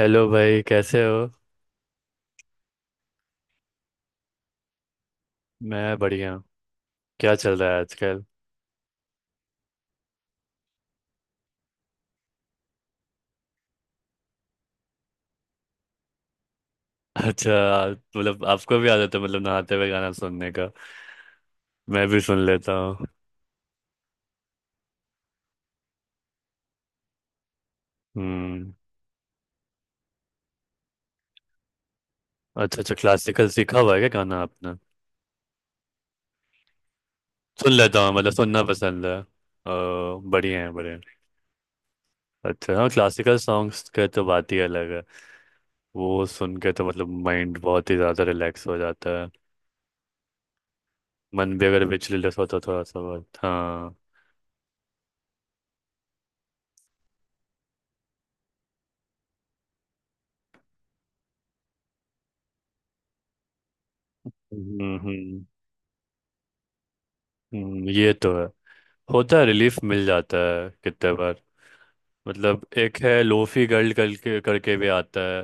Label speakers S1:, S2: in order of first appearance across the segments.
S1: Hello भाई, कैसे हो? मैं बढ़िया हूँ। क्या चल रहा है आजकल? अच्छा, मतलब आपको भी आदत है, मतलब नहाते हुए गाना सुनने का। मैं भी सुन लेता हूँ। हम्म। अच्छा अच्छा, क्लासिकल सीखा हुआ है क्या गाना आपने? सुन लेता हूँ मतलब सुनना पसंद है। ओ, बढ़िया है बढ़िया है। अच्छा हाँ, क्लासिकल सॉन्ग्स का तो बात ही अलग है। वो सुन के तो मतलब माइंड बहुत ही ज़्यादा रिलैक्स हो जाता है। मन भी अगर विचलित होता थोड़ा सा, बहुत हाँ। हम्म हम्म ये तो है। होता है, रिलीफ मिल जाता है कितने बार। मतलब एक है लोफी गर्ल कल के करके भी आता है।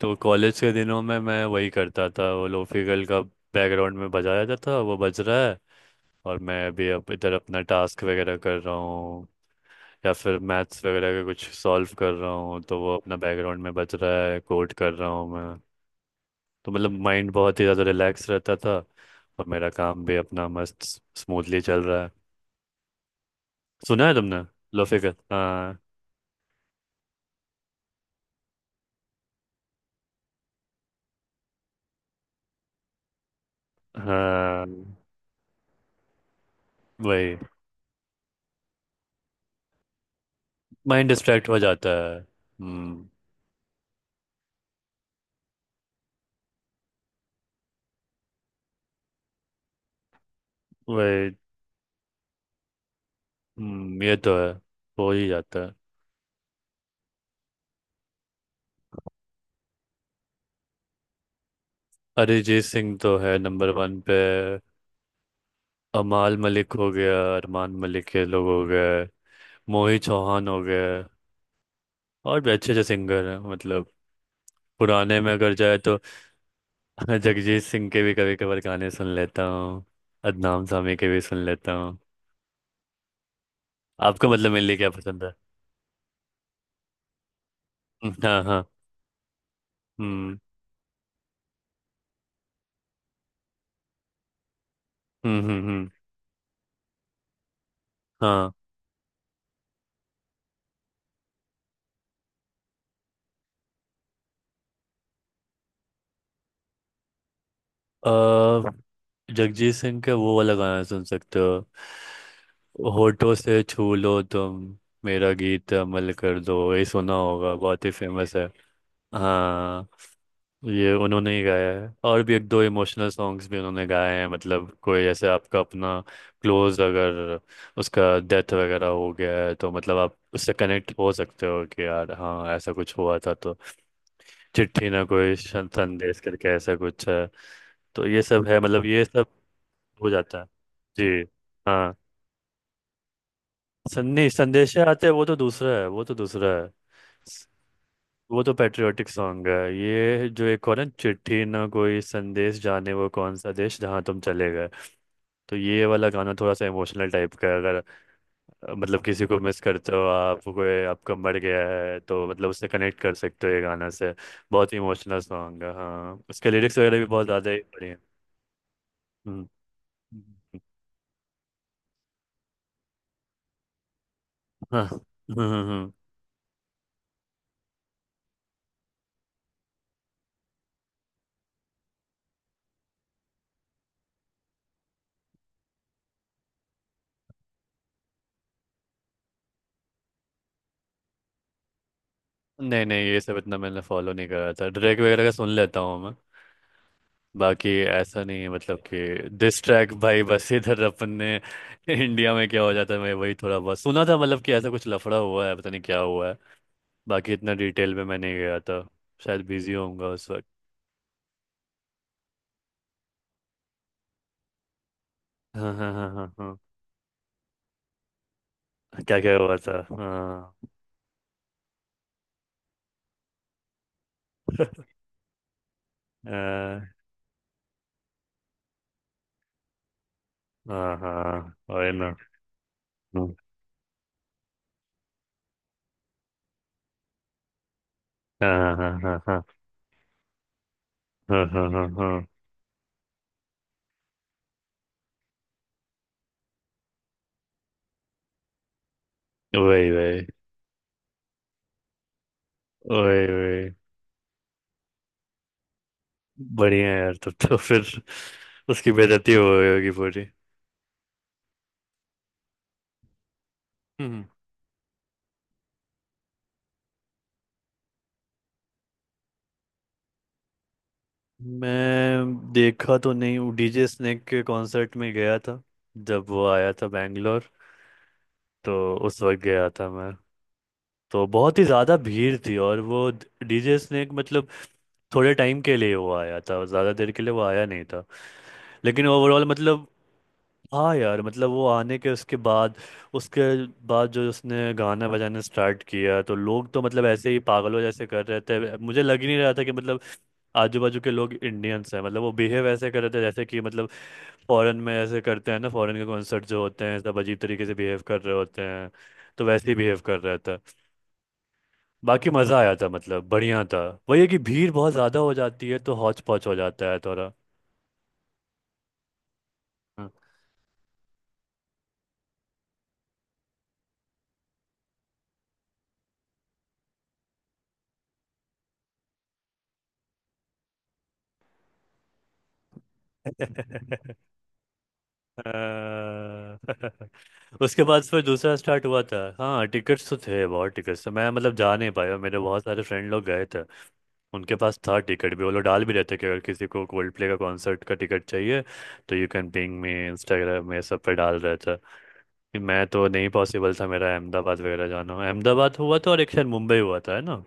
S1: तो कॉलेज के दिनों में मैं वही करता था, वो लोफी गर्ल का बैकग्राउंड में बजाया जाता था वो बज रहा है। और मैं अभी अब इधर अपना टास्क वगैरह कर रहा हूँ या फिर मैथ्स वगैरह का कुछ सॉल्व कर रहा हूँ, तो वो अपना बैकग्राउंड में बज रहा है, कोड कर रहा हूँ मैं। तो मतलब माइंड बहुत ही ज़्यादा रिलैक्स रहता था और मेरा काम भी अपना मस्त स्मूथली चल रहा है। सुना है तुमने? लोफी गर्ल, हाँ। हाँ, वही। माइंड डिस्ट्रैक्ट हो जाता है। हम्म, वही। हम्म, ये तो है। हो ही जाता है। अरिजीत सिंह तो है नंबर वन पे। अमाल मलिक हो गया, अरमान मलिक के लोग हो गए, मोहित चौहान हो गए, और भी अच्छे अच्छे सिंगर हैं मतलब पुराने में अगर जाए तो। जगजीत सिंह के भी कभी कभार गाने सुन लेता हूँ, अदनाम सामी के भी सुन लेता हूँ। आपको मतलब मेनली क्या पसंद है? हाँ हाँ। हम्म हम्म। हम्म। हाँ। अ, जगजीत सिंह का वो वाला गाना सुन सकते हो — होठों से छू लो तुम, मेरा गीत अमल कर दो। ये सुना होगा, बहुत ही फेमस है। हाँ ये उन्होंने ही गाया है। और भी एक दो इमोशनल सॉन्ग्स भी उन्होंने गाए हैं मतलब कोई ऐसे आपका अपना क्लोज अगर उसका डेथ वगैरह हो गया है तो मतलब आप उससे कनेक्ट हो सकते हो कि यार हाँ ऐसा कुछ हुआ था तो। चिट्ठी ना कोई संदेश करके ऐसा कुछ है। तो ये सब है मतलब ये सब हो जाता है। जी हाँ। सन्नी, संदेशे आते हैं वो तो दूसरा है, वो तो दूसरा है। स- वो तो पैट्रियोटिक सॉन्ग है। ये जो एक और है — चिट्ठी ना कोई संदेश, जाने वो कौन सा देश जहाँ तुम चले गए। तो ये वाला गाना थोड़ा सा इमोशनल टाइप का है अगर मतलब किसी को मिस करते हो आप, कोई आपका मर गया है तो मतलब उससे कनेक्ट कर सकते हो ये गाना से। बहुत इमोशनल सॉन्ग है हाँ, उसके लिरिक्स वगैरह भी बहुत ज़्यादा ही बढ़िया हैं। हम्म, हाँ। हम्म। नहीं नहीं, ये सब इतना मैंने फॉलो नहीं करा था। ड्रैग वगैरह का सुन लेता हूँ मैं, बाकी ऐसा नहीं है मतलब कि दिस ट्रैक भाई। बस इधर अपन ने इंडिया में क्या हो जाता है मैं वही थोड़ा बहुत सुना था मतलब कि ऐसा कुछ लफड़ा हुआ है पता नहीं क्या हुआ है। बाकी इतना डिटेल में मैं नहीं गया था, शायद बिजी होऊंगा उस वक्त। हाँ हाँ हाँ हाँ हाँ। क्या क्या हुआ था, हाँ। अह, हाँ हाँ, वही ना। हाँ हाँ हाँ हाँ हाँ हाँ हाँ हाँ हाँ, वही वही। वही वही। बढ़िया है यार, तब तो फिर उसकी बेइज्जती हो गई होगी पूरी। हम्म। मैं देखा तो नहीं हूँ, डीजे स्नेक के कॉन्सर्ट में गया था जब वो आया था बैंगलोर। तो उस वक्त गया था मैं, तो बहुत ही ज़्यादा भीड़ थी और वो डीजे स्नेक मतलब थोड़े टाइम के लिए वो आया था, ज़्यादा देर के लिए वो आया नहीं था। लेकिन ओवरऑल मतलब हाँ यार, मतलब वो आने के उसके बाद जो उसने गाना बजाना स्टार्ट किया तो लोग तो मतलब ऐसे ही पागलों जैसे कर रहे थे। मुझे लग ही नहीं रहा था कि मतलब आजू बाजू के लोग इंडियंस हैं, मतलब वो बिहेव ऐसे कर रहे थे जैसे कि मतलब फॉरेन में ऐसे करते हैं ना। फॉरेन के कॉन्सर्ट जो होते हैं सब अजीब तरीके से बिहेव कर रहे होते हैं, तो वैसे ही बिहेव कर रहा था। बाकी मज़ा आया था मतलब बढ़िया था। वही है कि भीड़ बहुत ज़्यादा हो जाती है तो हौच पौच हो जाता है थोड़ा। हाँ। उसके बाद फिर दूसरा स्टार्ट हुआ था। हाँ टिकट्स तो थे बहुत, टिकट्स तो। मैं मतलब जा नहीं पाया, मेरे बहुत सारे फ्रेंड लोग गए थे। उनके पास था टिकट भी, वो लोग डाल भी रहते कि अगर किसी को कोल्ड प्ले का कॉन्सर्ट का टिकट चाहिए तो you can ping me, Instagram में सब पे डाल रहे थे कि। मैं तो नहीं पॉसिबल था मेरा अहमदाबाद वगैरह जाना। अहमदाबाद हुआ था और एक शायद मुंबई हुआ था, है ना?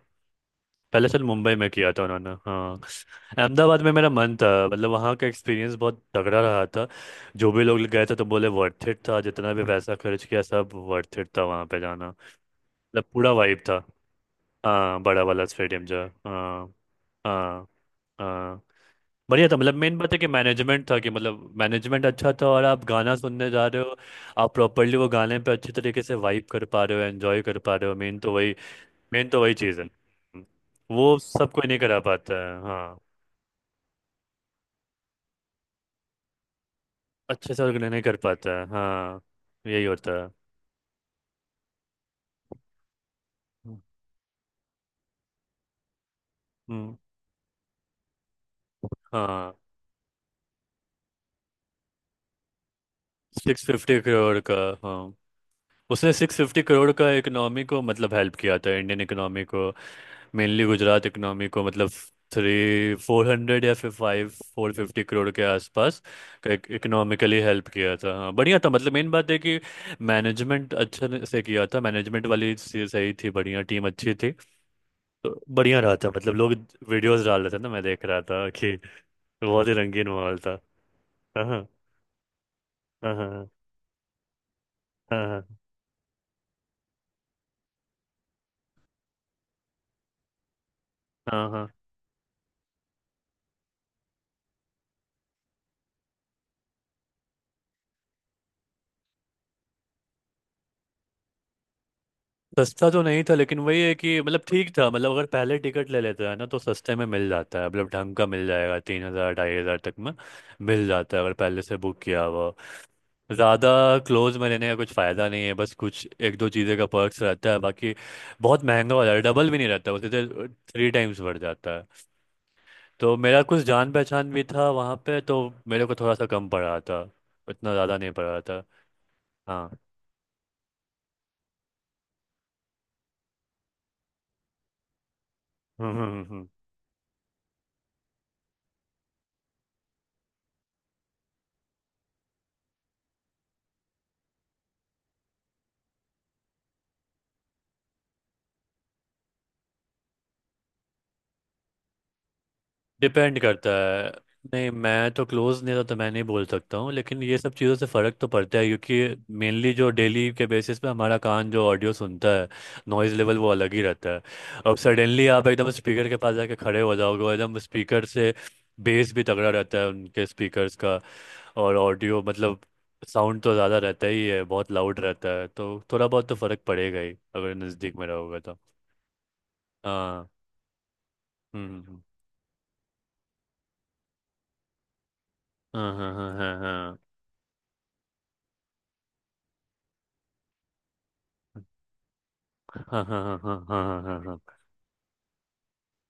S1: पहले सर मुंबई में किया था उन्होंने, हाँ। अहमदाबाद में मेरा मन था, मतलब वहाँ का एक्सपीरियंस बहुत तगड़ा रहा था। जो भी लोग गए थे तो बोले वर्थ इट था, जितना भी पैसा खर्च किया सब वर्थ इट था वहाँ पे जाना। मतलब पूरा वाइब था। हाँ बड़ा वाला स्टेडियम जो है, हाँ। हाँ हाँ, बढ़िया था मतलब मेन बात है कि मैनेजमेंट था कि, मतलब मैनेजमेंट अच्छा था और आप गाना सुनने जा रहे हो, आप प्रॉपरली वो गाने पे अच्छी तरीके से वाइब कर पा रहे हो, एंजॉय कर पा रहे हो मेन तो वही चीज़ है। वो सब कोई नहीं करा पाता है, हाँ अच्छे से ऑर्गेनाइज नहीं कर पाता है, हाँ यही होता है। हम्म। हाँ। 650 करोड़ का, हाँ। उसने 650 करोड़ का इकोनॉमी को मतलब हेल्प किया था, इंडियन इकोनॉमी को। मेनली गुजरात इकोनॉमी को मतलब थ्री फोर हंड्रेड या फिर फाइव फोर फिफ्टी करोड़ के आसपास का इकोनॉमिकली हेल्प किया था। हाँ बढ़िया था मतलब मेन बात है कि मैनेजमेंट अच्छे से किया था, मैनेजमेंट वाली चीज़ सही थी, बढ़िया टीम अच्छी थी। तो बढ़िया रहा था मतलब, लोग वीडियोस डाल रहे थे ना, मैं देख रहा था कि बहुत ही रंगीन माहौल था। हाँ हाँ हाँ हाँ हाँ हाँ हाँ। हाँ। सस्ता तो नहीं था, लेकिन वही है कि मतलब ठीक था मतलब अगर पहले टिकट ले लेता है ना तो सस्ते में मिल जाता है, मतलब ढंग का मिल जाएगा 3,000 2,500 तक में मिल जाता है अगर पहले से बुक किया हुआ। ज़्यादा क्लोज में लेने का कुछ फ़ायदा नहीं है, बस कुछ एक दो चीज़ें का पर्क्स रहता है, बाकी बहुत महंगा हो जाता है। डबल भी नहीं रहता, वो सीधे 3 times बढ़ जाता है। तो मेरा कुछ जान पहचान भी था वहाँ पे, तो मेरे को थोड़ा सा कम पड़ा था, इतना ज़्यादा नहीं पड़ा था। हाँ। डिपेंड करता है। नहीं मैं तो क्लोज नहीं था, तो मैं नहीं बोल सकता हूँ। लेकिन ये सब चीज़ों से फ़र्क तो पड़ता है क्योंकि मेनली जो डेली के बेसिस पे हमारा कान जो ऑडियो सुनता है, नॉइज़ लेवल वो अलग ही रहता है। अब सडनली आप एकदम स्पीकर के पास जाके खड़े हो जाओगे और एकदम स्पीकर से बेस भी तगड़ा रहता है उनके स्पीकर्स का, और ऑडियो मतलब साउंड तो ज़्यादा रहता ही है, बहुत लाउड रहता है, तो थोड़ा बहुत तो फ़र्क पड़ेगा ही अगर नज़दीक में रहोगे तो। हाँ। हम्म हम्म, हम्म। हाँ हाँ हाँ हाँ हाँ हाँ हाँ हाँ हाँ हाँ हाँ हाँ हाँ।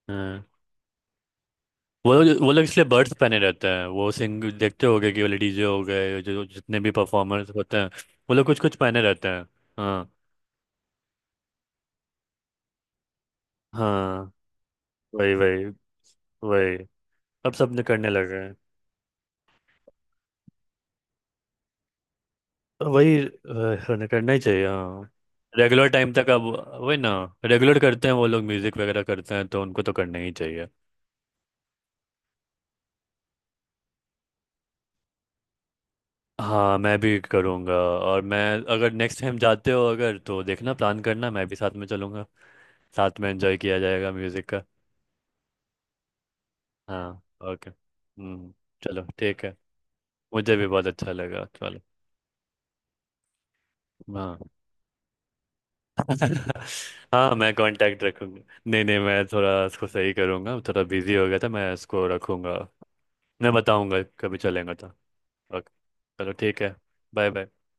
S1: हम्म। वो लोग इसलिए बर्ड्स पहने रहते हैं, वो सिंग देखते होगे कि वाले डीजे हो गए जो जो जितने भी परफॉर्मर्स होते हैं वो लोग कुछ कुछ पहने रहते हैं। हाँ हाँ, वही वही। वही, अब सब निकलने लगे हैं। वही निकलना ही चाहिए हाँ, रेगुलर टाइम तक अब। वही ना, रेगुलर करते हैं वो लोग म्यूजिक वगैरह करते हैं तो उनको तो करना ही चाहिए। हाँ मैं भी करूँगा। और मैं, अगर नेक्स्ट टाइम जाते हो अगर तो देखना, प्लान करना, मैं भी साथ में चलूँगा, साथ में एंजॉय किया जाएगा म्यूज़िक का। हाँ ओके। हम्म। चलो ठीक है, मुझे भी बहुत अच्छा लगा। चलो हाँ। हाँ मैं कांटेक्ट रखूँगा। नहीं नहीं मैं थोड़ा इसको सही करूँगा, थोड़ा बिजी हो गया था, मैं इसको रखूँगा। मैं बताऊँगा, कभी चलेंगे तो। ओके चलो ठीक है। Bye bye.